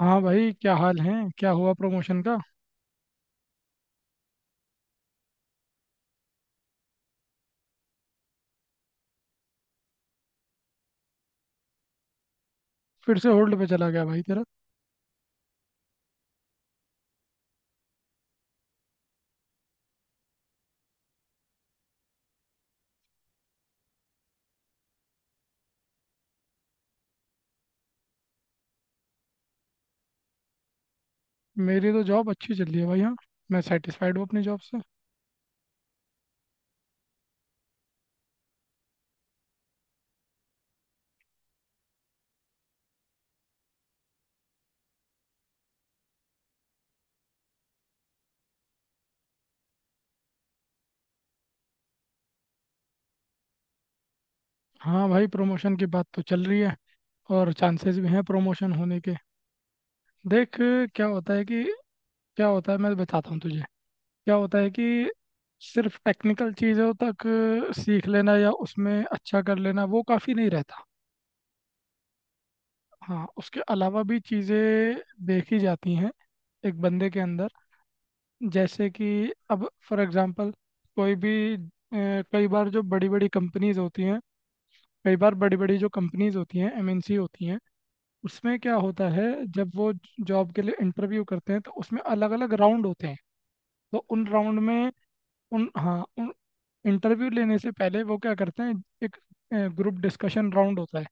हाँ भाई, क्या हाल है। क्या हुआ प्रमोशन का। फिर से होल्ड पे चला गया भाई तेरा। मेरी तो जॉब अच्छी चल रही है भाई, हाँ। मैं सेटिस्फाइड हूँ अपनी जॉब से। हाँ भाई, प्रमोशन की बात तो चल रही है, और चांसेस भी हैं प्रमोशन होने के। देख, क्या होता है कि, क्या होता है मैं बताता हूँ तुझे। क्या होता है कि सिर्फ टेक्निकल चीज़ों तक सीख लेना या उसमें अच्छा कर लेना, वो काफ़ी नहीं रहता। हाँ, उसके अलावा भी चीज़ें देखी जाती हैं एक बंदे के अंदर। जैसे कि, अब फॉर एग्जांपल, कोई भी कई बार जो बड़ी बड़ी कंपनीज होती हैं, कई बार बड़ी बड़ी जो कंपनीज होती हैं एमएनसी होती हैं, उसमें क्या होता है, जब वो जॉब के लिए इंटरव्यू करते हैं तो उसमें अलग अलग राउंड होते हैं। तो उन राउंड में, उन इंटरव्यू लेने से पहले वो क्या करते हैं। एक ग्रुप डिस्कशन राउंड होता है।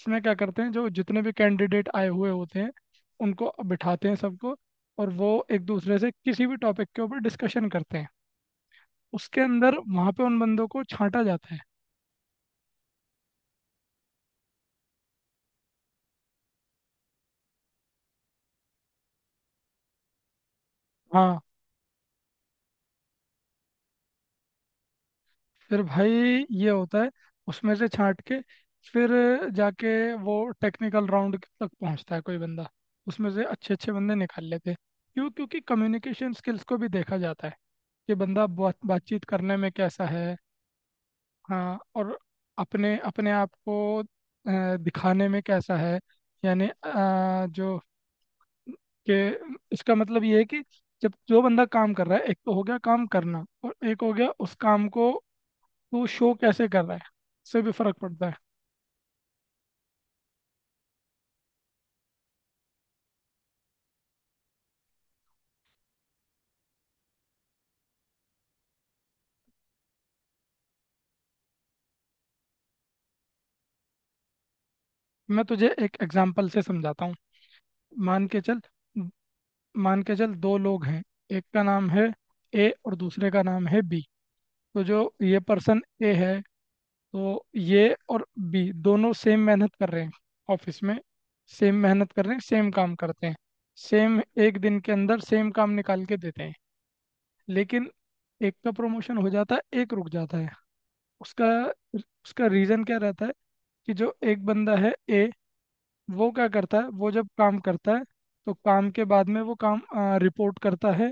इसमें क्या करते हैं, जो जितने भी कैंडिडेट आए हुए होते हैं उनको बिठाते हैं सबको, और वो एक दूसरे से किसी भी टॉपिक के ऊपर डिस्कशन करते हैं। उसके अंदर वहां पे उन बंदों को छांटा जाता है। हाँ। फिर भाई ये होता है, उसमें से छांट के फिर जाके वो टेक्निकल राउंड तक पहुंचता है कोई बंदा। उसमें से अच्छे अच्छे बंदे निकाल लेते हैं। क्यों? क्योंकि कम्युनिकेशन स्किल्स को भी देखा जाता है, कि बंदा बातचीत करने में कैसा है। हाँ, और अपने अपने आप को दिखाने में कैसा है। यानी जो कि, इसका मतलब ये है कि जब जो बंदा काम कर रहा है, एक तो हो गया काम करना और एक हो गया उस काम को तू शो कैसे कर रहा है। इससे भी फर्क पड़ता है। मैं तुझे एक एग्जांपल से समझाता हूँ। मान के चल मान के चल दो लोग हैं। एक का नाम है ए और दूसरे का नाम है बी। तो जो ये पर्सन ए है, तो ये और बी दोनों सेम मेहनत कर रहे हैं ऑफिस में। सेम मेहनत कर रहे हैं, सेम काम करते हैं। सेम एक दिन के अंदर सेम काम निकाल के देते हैं। लेकिन एक का प्रमोशन हो जाता है, एक रुक जाता है। उसका उसका रीज़न क्या रहता है। कि जो एक बंदा है, ए, वो क्या करता है, वो जब काम करता है तो काम के बाद में वो काम रिपोर्ट करता है।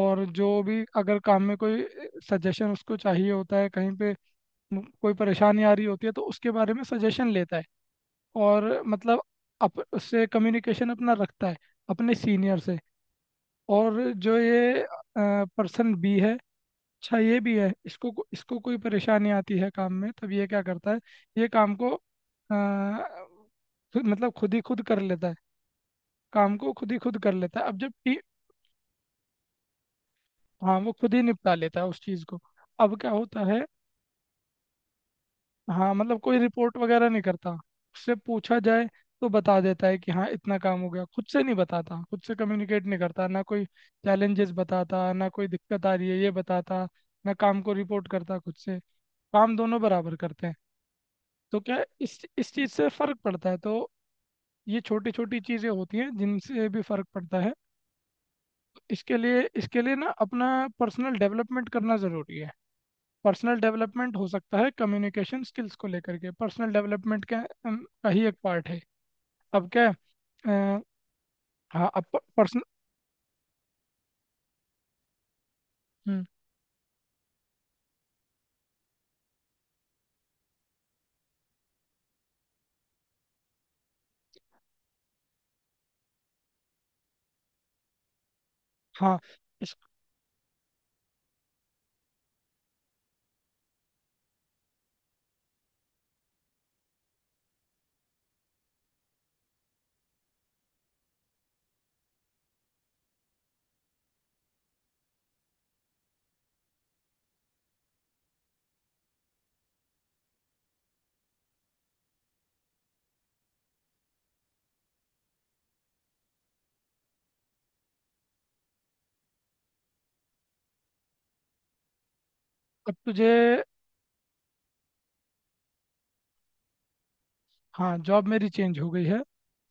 और जो भी अगर काम में कोई सजेशन उसको चाहिए होता है कहीं पे, कोई परेशानी आ रही होती है तो उसके बारे में सजेशन लेता है। और मतलब, उससे कम्युनिकेशन अपना रखता है अपने सीनियर से। और जो ये पर्सन बी है, अच्छा ये भी है, इसको कोई परेशानी आती है काम में तब ये क्या करता है, ये काम को मतलब खुद ही खुद कर लेता है। काम को खुद ही खुद कर लेता है। अब जब टी हाँ, वो खुद ही निपटा लेता है उस चीज़ को। अब क्या होता है, हाँ मतलब कोई रिपोर्ट वगैरह नहीं करता। उससे पूछा जाए तो बता देता है कि हाँ इतना काम हो गया। खुद से नहीं बताता, खुद से कम्युनिकेट नहीं करता, ना कोई चैलेंजेस बताता, ना कोई दिक्कत आ रही है ये बताता, ना काम को रिपोर्ट करता खुद से। काम दोनों बराबर करते हैं। तो क्या है, इस चीज़ से फर्क पड़ता है। तो ये छोटी छोटी चीज़ें होती हैं जिनसे भी फर्क पड़ता है। इसके लिए ना अपना पर्सनल डेवलपमेंट करना ज़रूरी है। पर्सनल डेवलपमेंट हो सकता है, कम्युनिकेशन स्किल्स को लेकर के पर्सनल डेवलपमेंट का अम, का ही एक पार्ट है। अब क्या है, अ, हाँ अब पर्सनल, हाँ इस, अब तुझे, हाँ जॉब मेरी चेंज हो गई है।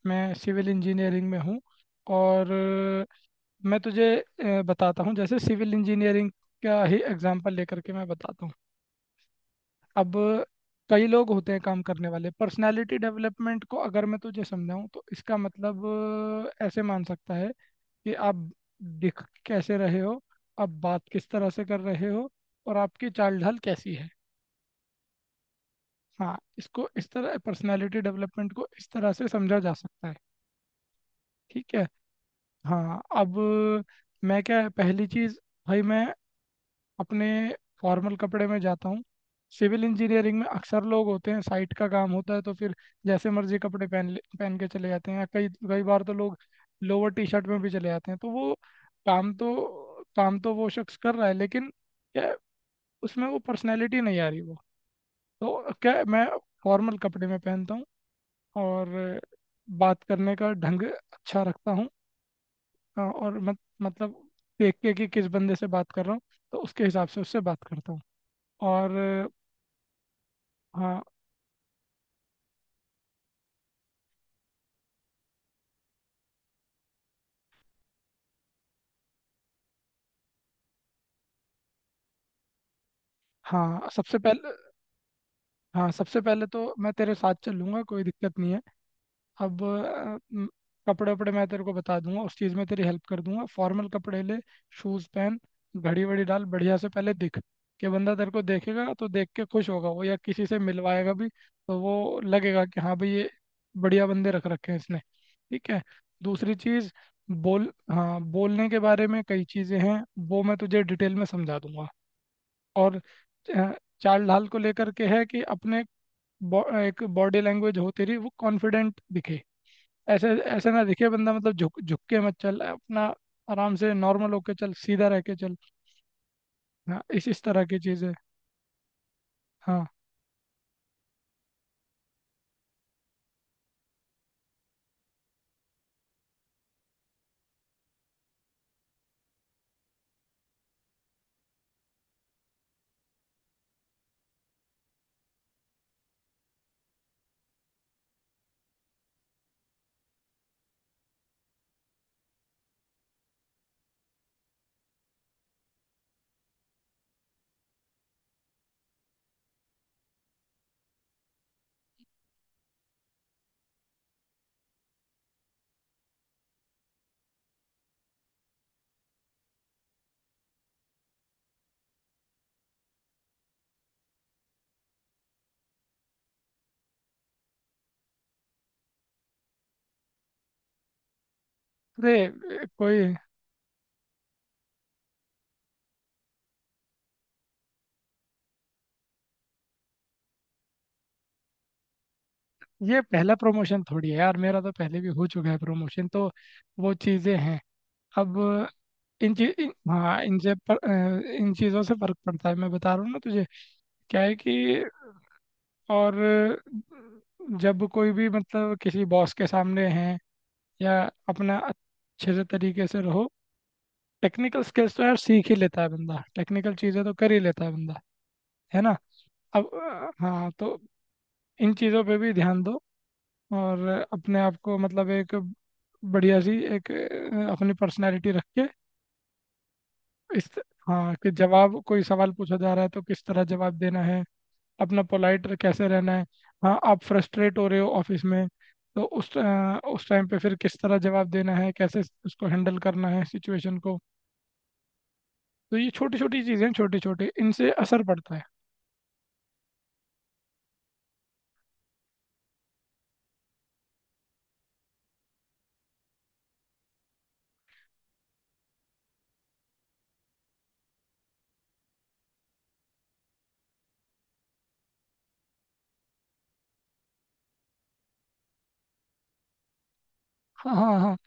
मैं सिविल इंजीनियरिंग में हूँ। और मैं तुझे बताता हूँ, जैसे सिविल इंजीनियरिंग का ही एग्जांपल लेकर के मैं बताता हूँ। अब कई लोग होते हैं काम करने वाले, पर्सनालिटी डेवलपमेंट को अगर मैं तुझे समझाऊँ तो इसका मतलब ऐसे मान सकता है कि आप दिख कैसे रहे हो, आप बात किस तरह से कर रहे हो, और आपकी चाल ढाल कैसी है। हाँ, इसको इस तरह, पर्सनालिटी डेवलपमेंट को इस तरह से समझा जा सकता है। ठीक है। हाँ अब, मैं क्या, पहली चीज़ भाई, मैं अपने फॉर्मल कपड़े में जाता हूँ। सिविल इंजीनियरिंग में अक्सर लोग होते हैं, साइट का काम होता है तो फिर जैसे मर्जी कपड़े पहन के चले जाते हैं, या कई कई बार तो लोग लोअर टी शर्ट में भी चले जाते हैं। तो वो काम तो, काम तो वो शख्स कर रहा है, लेकिन क्या, उसमें वो पर्सनैलिटी नहीं आ रही वो। तो क्या मैं फॉर्मल कपड़े में पहनता हूँ और बात करने का ढंग अच्छा रखता हूँ। और मत, मतलब देख के कि किस बंदे से बात कर रहा हूँ तो उसके हिसाब से उससे बात करता हूँ। और हाँ, हाँ सबसे पहले हाँ सबसे पहले तो मैं तेरे साथ चलूंगा, कोई दिक्कत नहीं है। अब कपड़े वपड़े मैं तेरे को बता दूंगा, उस चीज़ में तेरी हेल्प कर दूंगा। फॉर्मल कपड़े ले, शूज़ पहन, घड़ी वड़ी डाल, बढ़िया से पहले दिख, कि बंदा तेरे को देखेगा तो देख के खुश होगा वो, या किसी से मिलवाएगा भी तो वो लगेगा कि हाँ भाई, ये बढ़िया बंदे रख रखे हैं इसने। ठीक है। दूसरी चीज़, बोल, हाँ, बोलने के बारे में कई चीज़ें हैं, वो मैं तुझे डिटेल में समझा दूंगा। और अ, चाल ढाल को लेकर के है कि अपने एक बॉडी लैंग्वेज होती रही वो कॉन्फिडेंट दिखे। ऐसे, ऐसे ना दिखे बंदा, मतलब झुक झुक के मत चल अपना, आराम से नॉर्मल होके चल, सीधा रह के चल। हाँ, इस तरह की चीज़ें। हाँ अरे, कोई, ये पहला प्रमोशन थोड़ी है यार मेरा, तो पहले भी हो चुका है प्रमोशन तो। वो चीज़ें हैं। अब इन चीज इन, हाँ इनसे पर, अ, इन चीज़ों से फर्क पड़ता है, मैं बता रहा हूँ ना तुझे। क्या है कि, और जब कोई भी मतलब किसी बॉस के सामने हैं या, अपना अच्छे से तरीके से रहो। टेक्निकल स्किल्स तो यार सीख ही लेता है बंदा, टेक्निकल चीज़ें तो कर ही लेता है बंदा, है ना। अब हाँ तो, इन चीज़ों पे भी ध्यान दो। और अपने आप को मतलब एक बढ़िया सी एक अपनी पर्सनालिटी रख के इस, हाँ कि जवाब, कोई सवाल पूछा जा रहा है तो किस तरह जवाब देना है, अपना पोलाइट कैसे रहना है। हाँ, आप फ्रस्ट्रेट हो रहे हो ऑफिस में तो उस टाइम पे फिर किस तरह जवाब देना है, कैसे उसको हैंडल करना है सिचुएशन को। तो ये छोटी छोटी चीज़ें हैं, छोटी छोटी, इनसे असर पड़ता है। हाँ, हाँ, हाँ।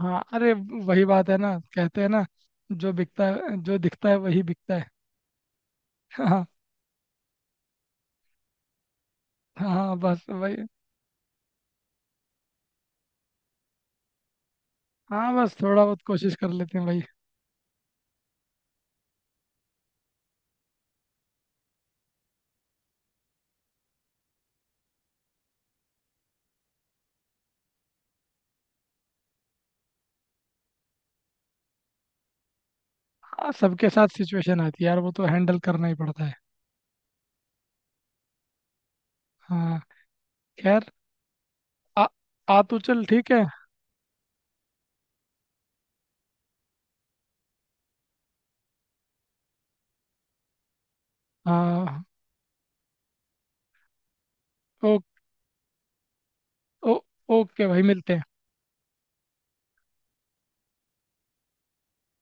हाँ अरे, वही बात है ना, कहते हैं ना, जो बिकता है, जो दिखता है वही बिकता है। हाँ, हाँ बस वही हाँ बस, थोड़ा बहुत कोशिश कर लेते हैं भाई। हाँ, सबके साथ सिचुएशन आती है यार, वो तो हैंडल करना ही पड़ता है। हाँ, खैर, आ, आ तो चल ठीक है। हाँ, ओ, ओके भाई, मिलते हैं।